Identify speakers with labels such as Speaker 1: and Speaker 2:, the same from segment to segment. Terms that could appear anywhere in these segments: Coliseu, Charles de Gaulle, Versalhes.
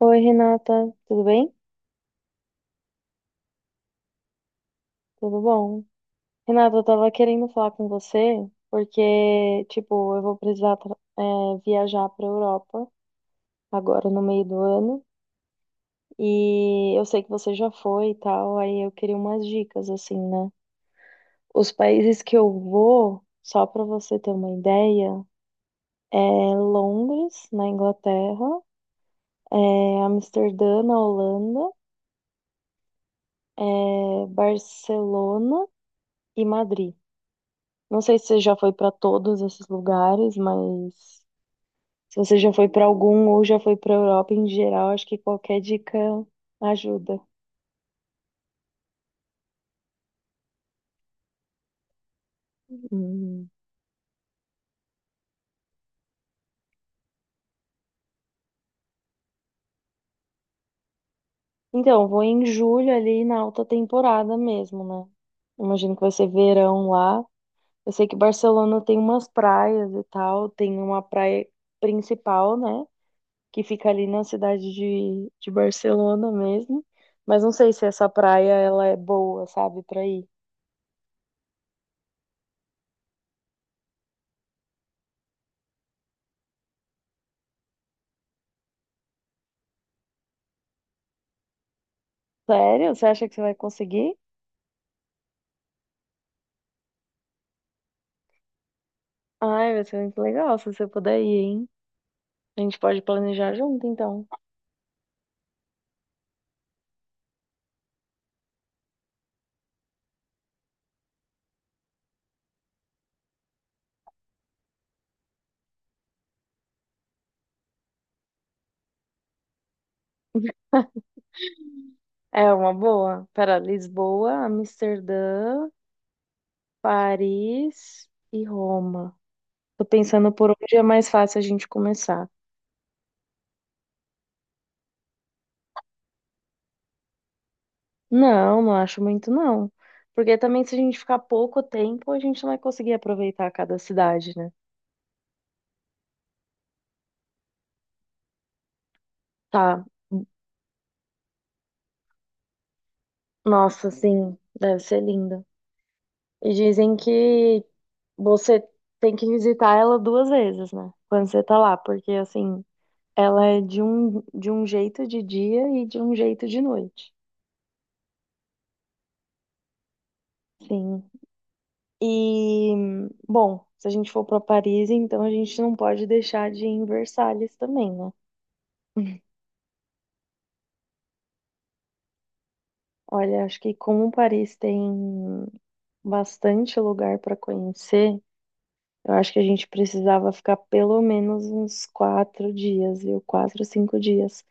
Speaker 1: Oi, Renata, tudo bem? Tudo bom? Renata, eu tava querendo falar com você porque, tipo, eu vou precisar, viajar pra Europa agora no meio do ano e eu sei que você já foi e tal, aí eu queria umas dicas, assim, né? Os países que eu vou, só pra você ter uma ideia, é Londres, na Inglaterra, é Amsterdã, na Holanda, Barcelona e Madrid. Não sei se você já foi para todos esses lugares, mas se você já foi para algum ou já foi para Europa em geral, acho que qualquer dica ajuda. Hum. Então, vou em julho ali na alta temporada mesmo, né? Imagino que vai ser verão lá. Eu sei que Barcelona tem umas praias e tal, tem uma praia principal, né? Que fica ali na cidade de Barcelona mesmo. Mas não sei se essa praia ela é boa, sabe, pra ir. Sério? Você acha que você vai conseguir? Ai, vai ser muito legal se você puder ir, hein? A gente pode planejar junto, então. É uma boa. Pera, Lisboa, Amsterdã, Paris e Roma. Tô pensando por onde é mais fácil a gente começar. Não, não acho muito, não. Porque também se a gente ficar pouco tempo, a gente não vai conseguir aproveitar cada cidade, né? Tá. Nossa, sim, deve ser linda. E dizem que você tem que visitar ela duas vezes, né? Quando você tá lá, porque assim. Ela é de um jeito de dia e de um jeito de noite. Sim. E, bom, se a gente for para Paris, então a gente não pode deixar de ir em Versalhes também, né? Olha, acho que como Paris tem bastante lugar para conhecer, eu acho que a gente precisava ficar pelo menos uns quatro dias, viu? Quatro, cinco dias.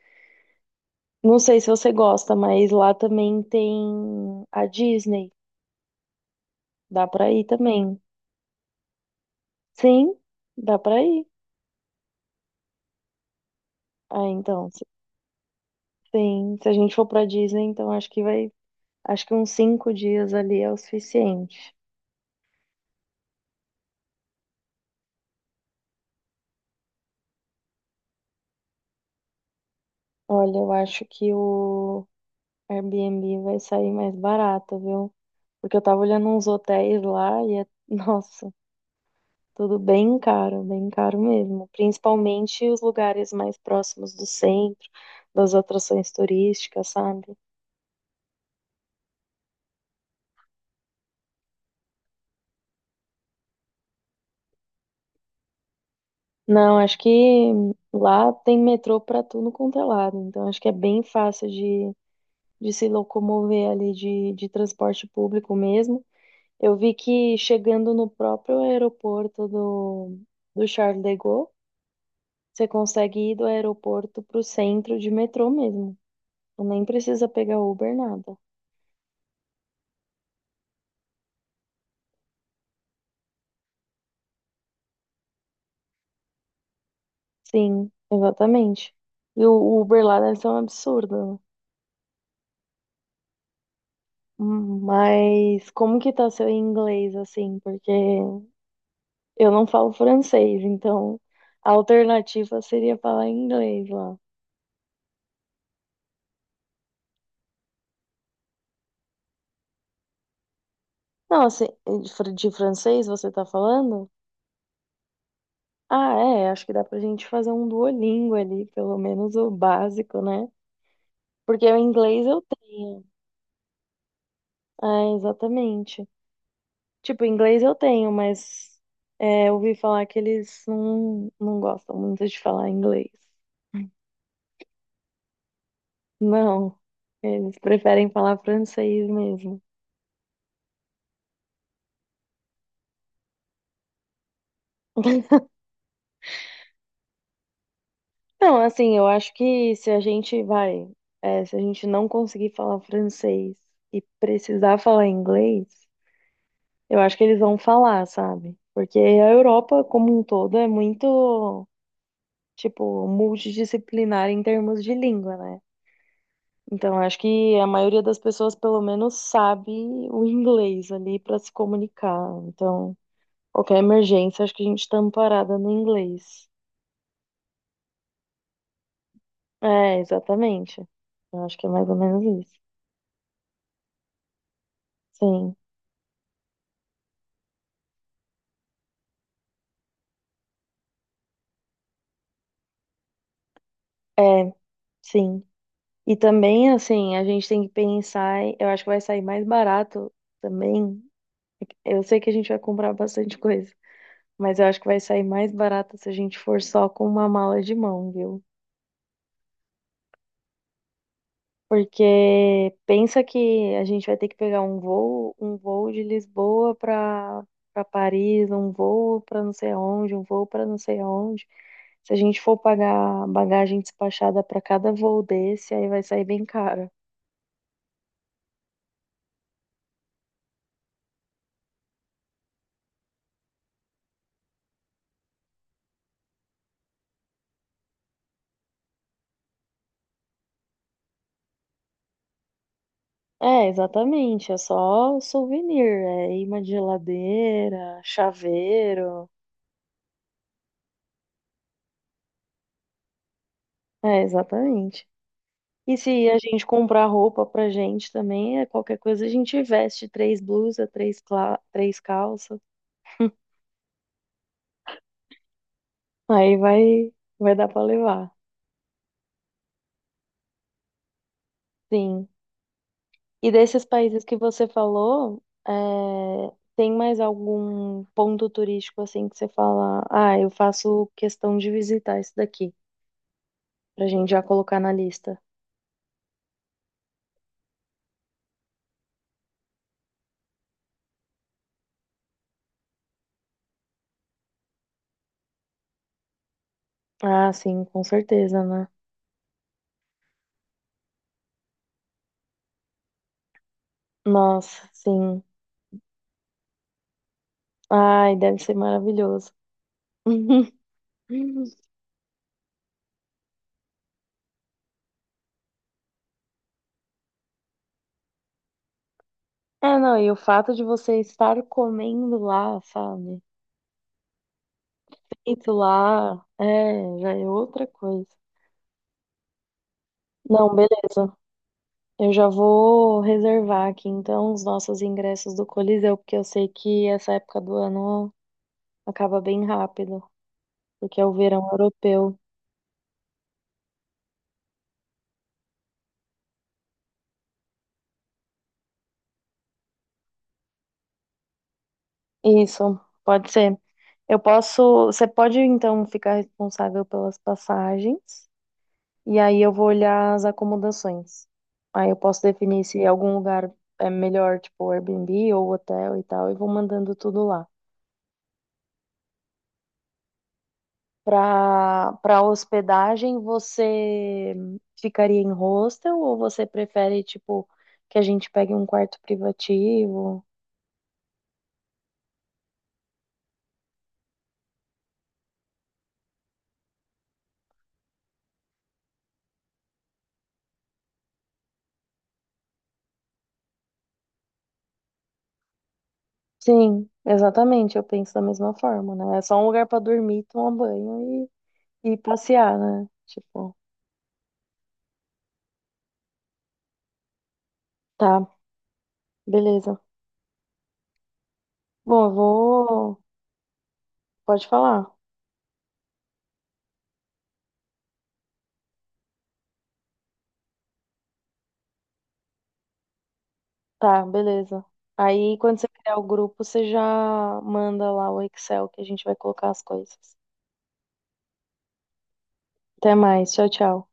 Speaker 1: Não sei se você gosta, mas lá também tem a Disney. Dá para ir também. Sim, dá para ir. Ah, então, sim. Se a gente for pra Disney, então acho que vai. Acho que uns cinco dias ali é o suficiente. Olha, eu acho que o Airbnb vai sair mais barato, viu? Porque eu tava olhando uns hotéis lá e nossa, tudo bem caro mesmo. Principalmente os lugares mais próximos do centro, das atrações turísticas, sabe? Não, acho que lá tem metrô pra tudo quanto é lado, então acho que é bem fácil de se locomover ali de transporte público mesmo. Eu vi que chegando no próprio aeroporto do Charles de Gaulle, você consegue ir do aeroporto para o centro de metrô mesmo. Então, nem precisa pegar Uber, nada. Sim, exatamente. E o Uber lá deve ser um absurdo, né? Mas como que tá seu inglês, assim? Porque eu não falo francês, então a alternativa seria falar inglês lá. Não, assim, de francês você tá falando? Ah, é, acho que dá pra gente fazer um Duolingo ali, pelo menos o básico, né? Porque o inglês eu tenho. Ah, exatamente. Tipo, inglês eu tenho, mas eu ouvi falar que eles não gostam muito de falar inglês. Não, eles preferem falar francês mesmo. Não, assim, eu acho que se a gente vai, é, se a gente não conseguir falar francês e precisar falar inglês. Eu acho que eles vão falar, sabe? Porque a Europa, como um todo, é muito, tipo, multidisciplinar em termos de língua, né? Então, eu acho que a maioria das pessoas, pelo menos, sabe o inglês ali para se comunicar. Então, qualquer emergência, acho que a gente tá amparada no inglês. É, exatamente. Eu acho que é mais ou menos isso. Sim. É, sim. E também, assim, a gente tem que pensar, eu acho que vai sair mais barato também. Eu sei que a gente vai comprar bastante coisa, mas eu acho que vai sair mais barato se a gente for só com uma mala de mão, viu? Porque pensa que a gente vai ter que pegar um voo de Lisboa para Paris, um voo para não sei onde, um voo para não sei onde. Se a gente for pagar bagagem despachada para cada voo desse, aí vai sair bem caro. É, exatamente, é só souvenir, é imã de geladeira, chaveiro. É, exatamente. E se a gente comprar roupa pra gente também, é qualquer coisa, a gente veste três blusas, três calças. Aí vai, dar pra levar. Sim. E desses países que você falou, é, tem mais algum ponto turístico assim que você fala, ah, eu faço questão de visitar isso daqui, pra gente já colocar na lista. Ah, sim, com certeza, né? Nossa, sim. Ai, deve ser maravilhoso. É, não, e o fato de você estar comendo lá, sabe? Feito lá, já é outra coisa. Não, beleza. Eu já vou reservar aqui então os nossos ingressos do Coliseu, porque eu sei que essa época do ano acaba bem rápido, porque é o verão europeu. Isso, pode ser. Eu posso, você pode então ficar responsável pelas passagens. E aí eu vou olhar as acomodações. Aí eu posso definir se algum lugar é melhor, tipo Airbnb ou hotel e tal, e vou mandando tudo lá. Para hospedagem, você ficaria em hostel ou você prefere, tipo, que a gente pegue um quarto privativo? Sim, exatamente, eu penso da mesma forma, né? É só um lugar para dormir, tomar banho e passear, né? Tipo, tá, beleza. Bom, eu vou. Pode falar. Tá, beleza. Aí, quando você criar o grupo, você já manda lá o Excel que a gente vai colocar as coisas. Até mais. Tchau, tchau.